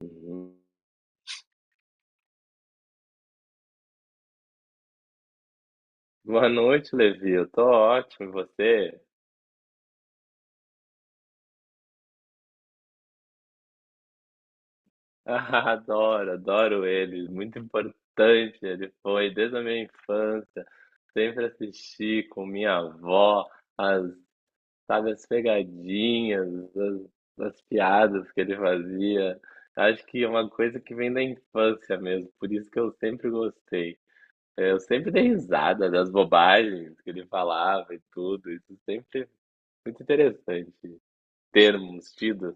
Uhum. Boa noite, Levi. Eu tô ótimo, e você? Ah, adoro, adoro ele. Muito importante ele foi desde a minha infância. Sempre assisti com minha avó as, sabe, as pegadinhas, as piadas que ele fazia. Acho que é uma coisa que vem da infância mesmo, por isso que eu sempre gostei. Eu sempre dei risada das bobagens que ele falava e tudo. Isso sempre é muito interessante. Termos, tidos.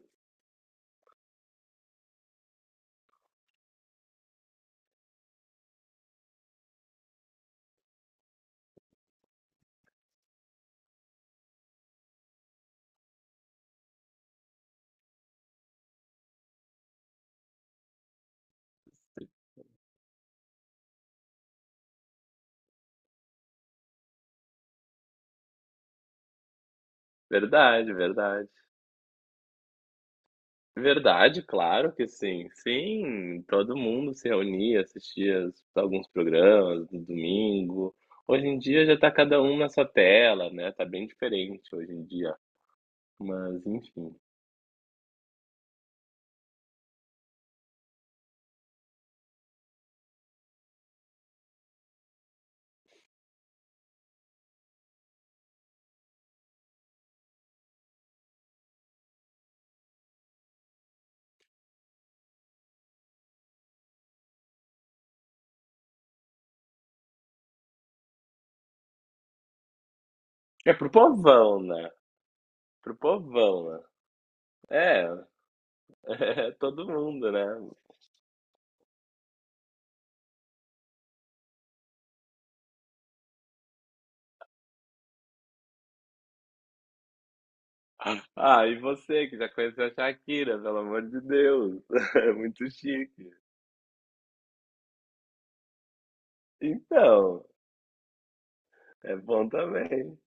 Verdade, verdade. Verdade, claro que sim. Sim, todo mundo se reunia, assistia alguns programas no domingo. Hoje em dia já tá cada um na sua tela, né? Tá bem diferente hoje em dia. Mas, enfim. É pro povão, né? Pro povão, né? É, é todo mundo, né? Ah, e você que já conheceu a Shakira, pelo amor de Deus. É muito chique. Então, é bom também.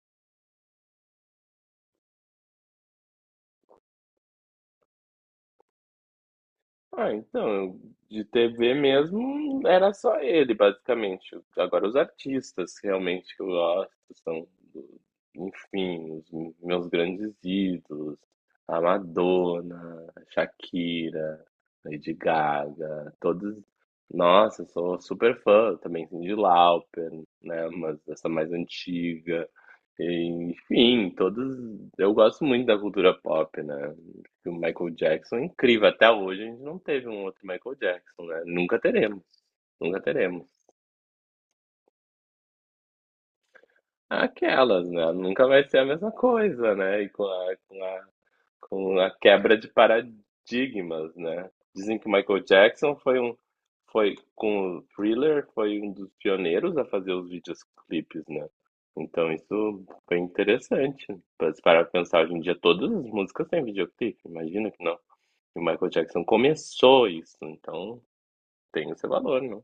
Ah, então, de TV mesmo era só ele, basicamente. Agora os artistas realmente que eu gosto são, enfim, os meus grandes ídolos, a Madonna, a Shakira, Lady Gaga, todos. Nossa, eu sou super fã também, Cyndi Lauper, né? Mas essa mais antiga. Enfim, todos. Eu gosto muito da cultura pop, né? O Michael Jackson é incrível. Até hoje a gente não teve um outro Michael Jackson, né? Nunca teremos. Nunca teremos. Aquelas, né? Nunca vai ser a mesma coisa, né? E com a quebra de paradigmas, né? Dizem que o Michael Jackson foi com o Thriller, foi um dos pioneiros a fazer os videoclipes, né? Então isso foi interessante. Pra se parar pra pensar hoje em dia, todas as músicas têm videoclipe, imagina que não. E o Michael Jackson começou isso, então tem esse valor, não?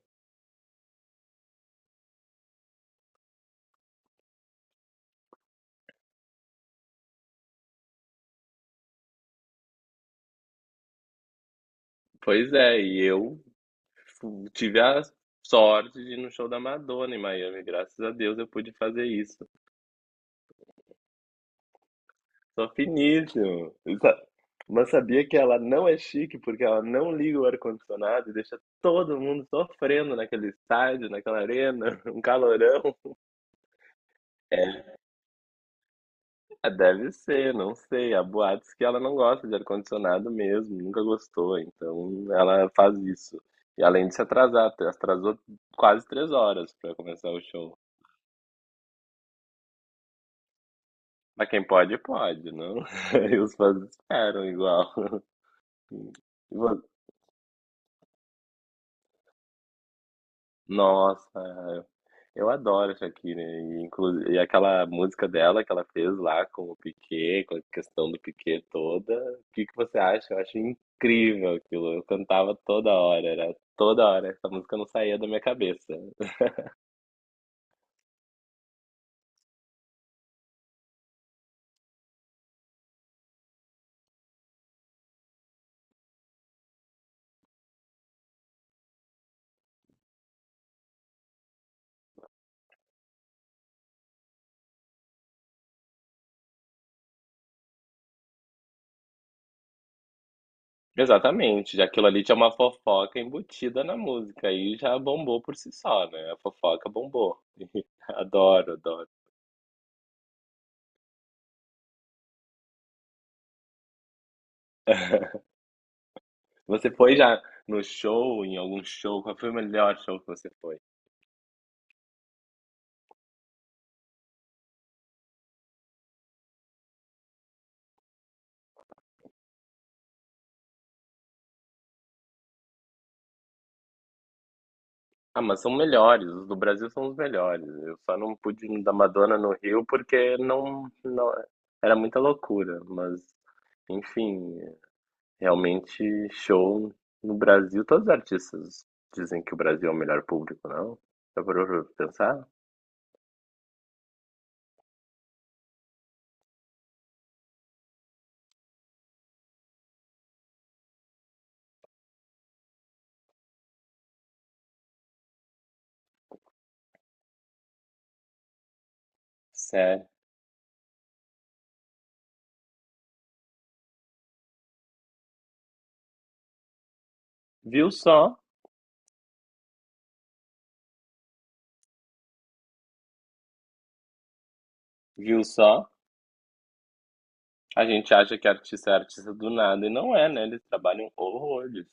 Pois é, e eu tive a sorte de ir no show da Madonna em Miami, graças a Deus eu pude fazer isso. Só finíssimo. Sa- Mas sabia que ela não é chique porque ela não liga o ar-condicionado e deixa todo mundo sofrendo naquele estádio, naquela arena, um calorão. É, deve ser, não sei. Há boatos que ela não gosta de ar-condicionado mesmo, nunca gostou, então ela faz isso. E além de se atrasar, atrasou quase 3 horas para começar o show. Mas quem pode, pode, não? E os fãs esperam igual. E vo- Nossa, eu adoro a Shakira, e, e aquela música dela que ela fez lá com o Piquet, com a questão do Piquet toda. O que que você acha? Eu acho incrível aquilo. Eu cantava toda hora, era toda hora. Essa música não saía da minha cabeça. Exatamente, já aquilo ali tinha uma fofoca embutida na música e já bombou por si só, né? A fofoca bombou. Adoro, adoro. Você foi já no show, em algum show? Qual foi o melhor show que você foi? Ah, mas são melhores, os do Brasil são os melhores. Eu só não pude ir no da Madonna no Rio porque não era muita loucura, mas enfim, realmente show no Brasil, todos os artistas dizem que o Brasil é o melhor público, não? Já parou pra pensar? Sério. Viu só? Viu só? A gente acha que artista é artista do nada e não é, né? Eles trabalham horrores.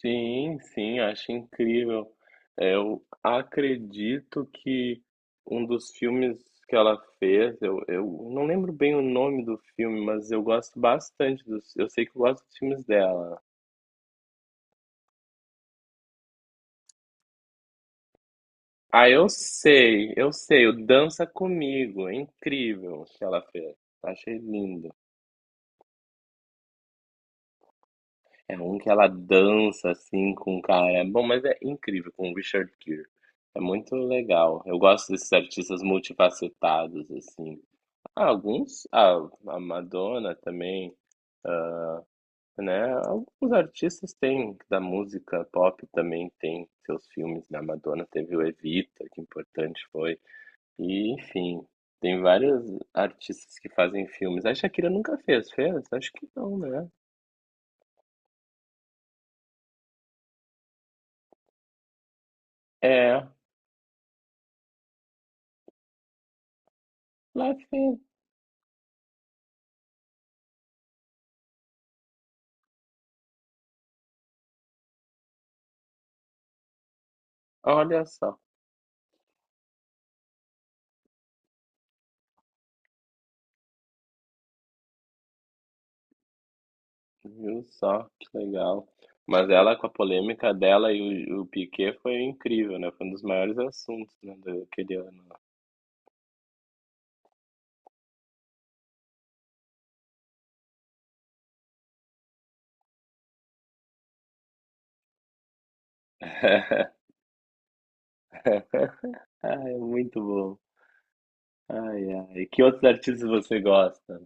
Sim, sim, acho incrível. É, eu acredito que um dos filmes que ela fez, eu não lembro bem o nome do filme, mas eu gosto bastante dos. Eu sei que eu gosto dos filmes dela. Ah, eu sei, o Dança Comigo, é incrível o que ela fez. Achei lindo. É um que ela dança assim com o cara. É bom, mas é incrível com o Richard Gere. É muito legal. Eu gosto desses artistas multifacetados assim. Ah, alguns, ah, a Madonna também, né? Alguns artistas têm da música pop também tem seus filmes, né? A Madonna teve o Evita, que importante foi. E, enfim, tem vários artistas que fazem filmes. A Shakira nunca fez, fez? Acho que não, né? É, lá fez. Olha só, viu só, que legal. Mas ela com a polêmica dela e o Piquet foi incrível, né? Foi um dos maiores assuntos, né, daquele ano. Ai, muito bom. Ai, ai. Que outros artistas você gosta?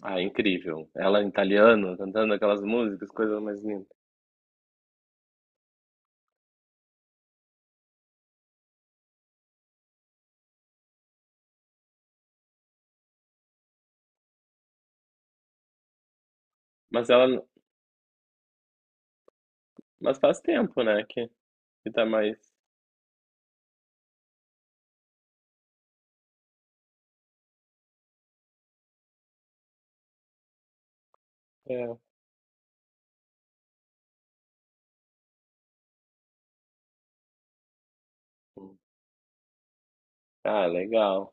Ah, incrível. Ela em italiano, cantando aquelas músicas, coisa mais linda. Mas ela, mas faz tempo, né, que tá mais... É. Ah, legal.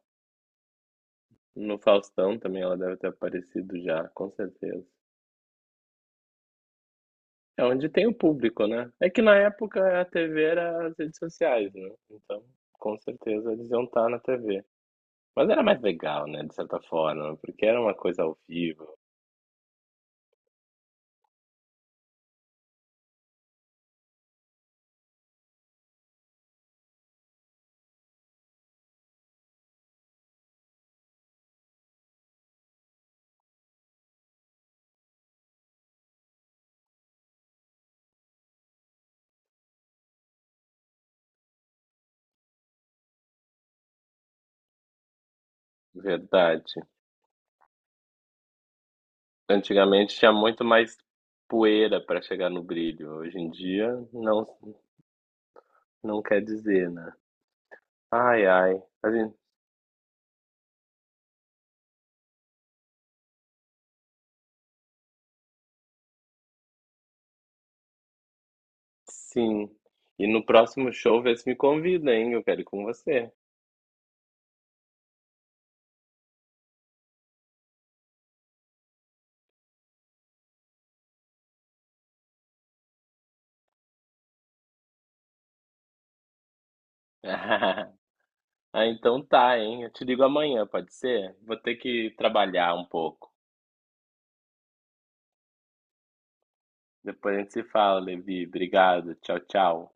No Faustão também ela deve ter aparecido já, com certeza. É onde tem o público, né? É que na época a TV era as redes sociais, né? Então, com certeza eles iam estar na TV. Mas era mais legal, né, de certa forma, porque era uma coisa ao vivo, verdade. Antigamente tinha muito mais poeira para chegar no brilho. Hoje em dia não quer dizer, né? Ai, ai. A gente- sim. E no próximo show vê se me convida, hein? Eu quero ir com você. Ah, então tá, hein? Eu te ligo amanhã, pode ser? Vou ter que trabalhar um pouco. Depois a gente se fala, Levi. Obrigado. Tchau, tchau.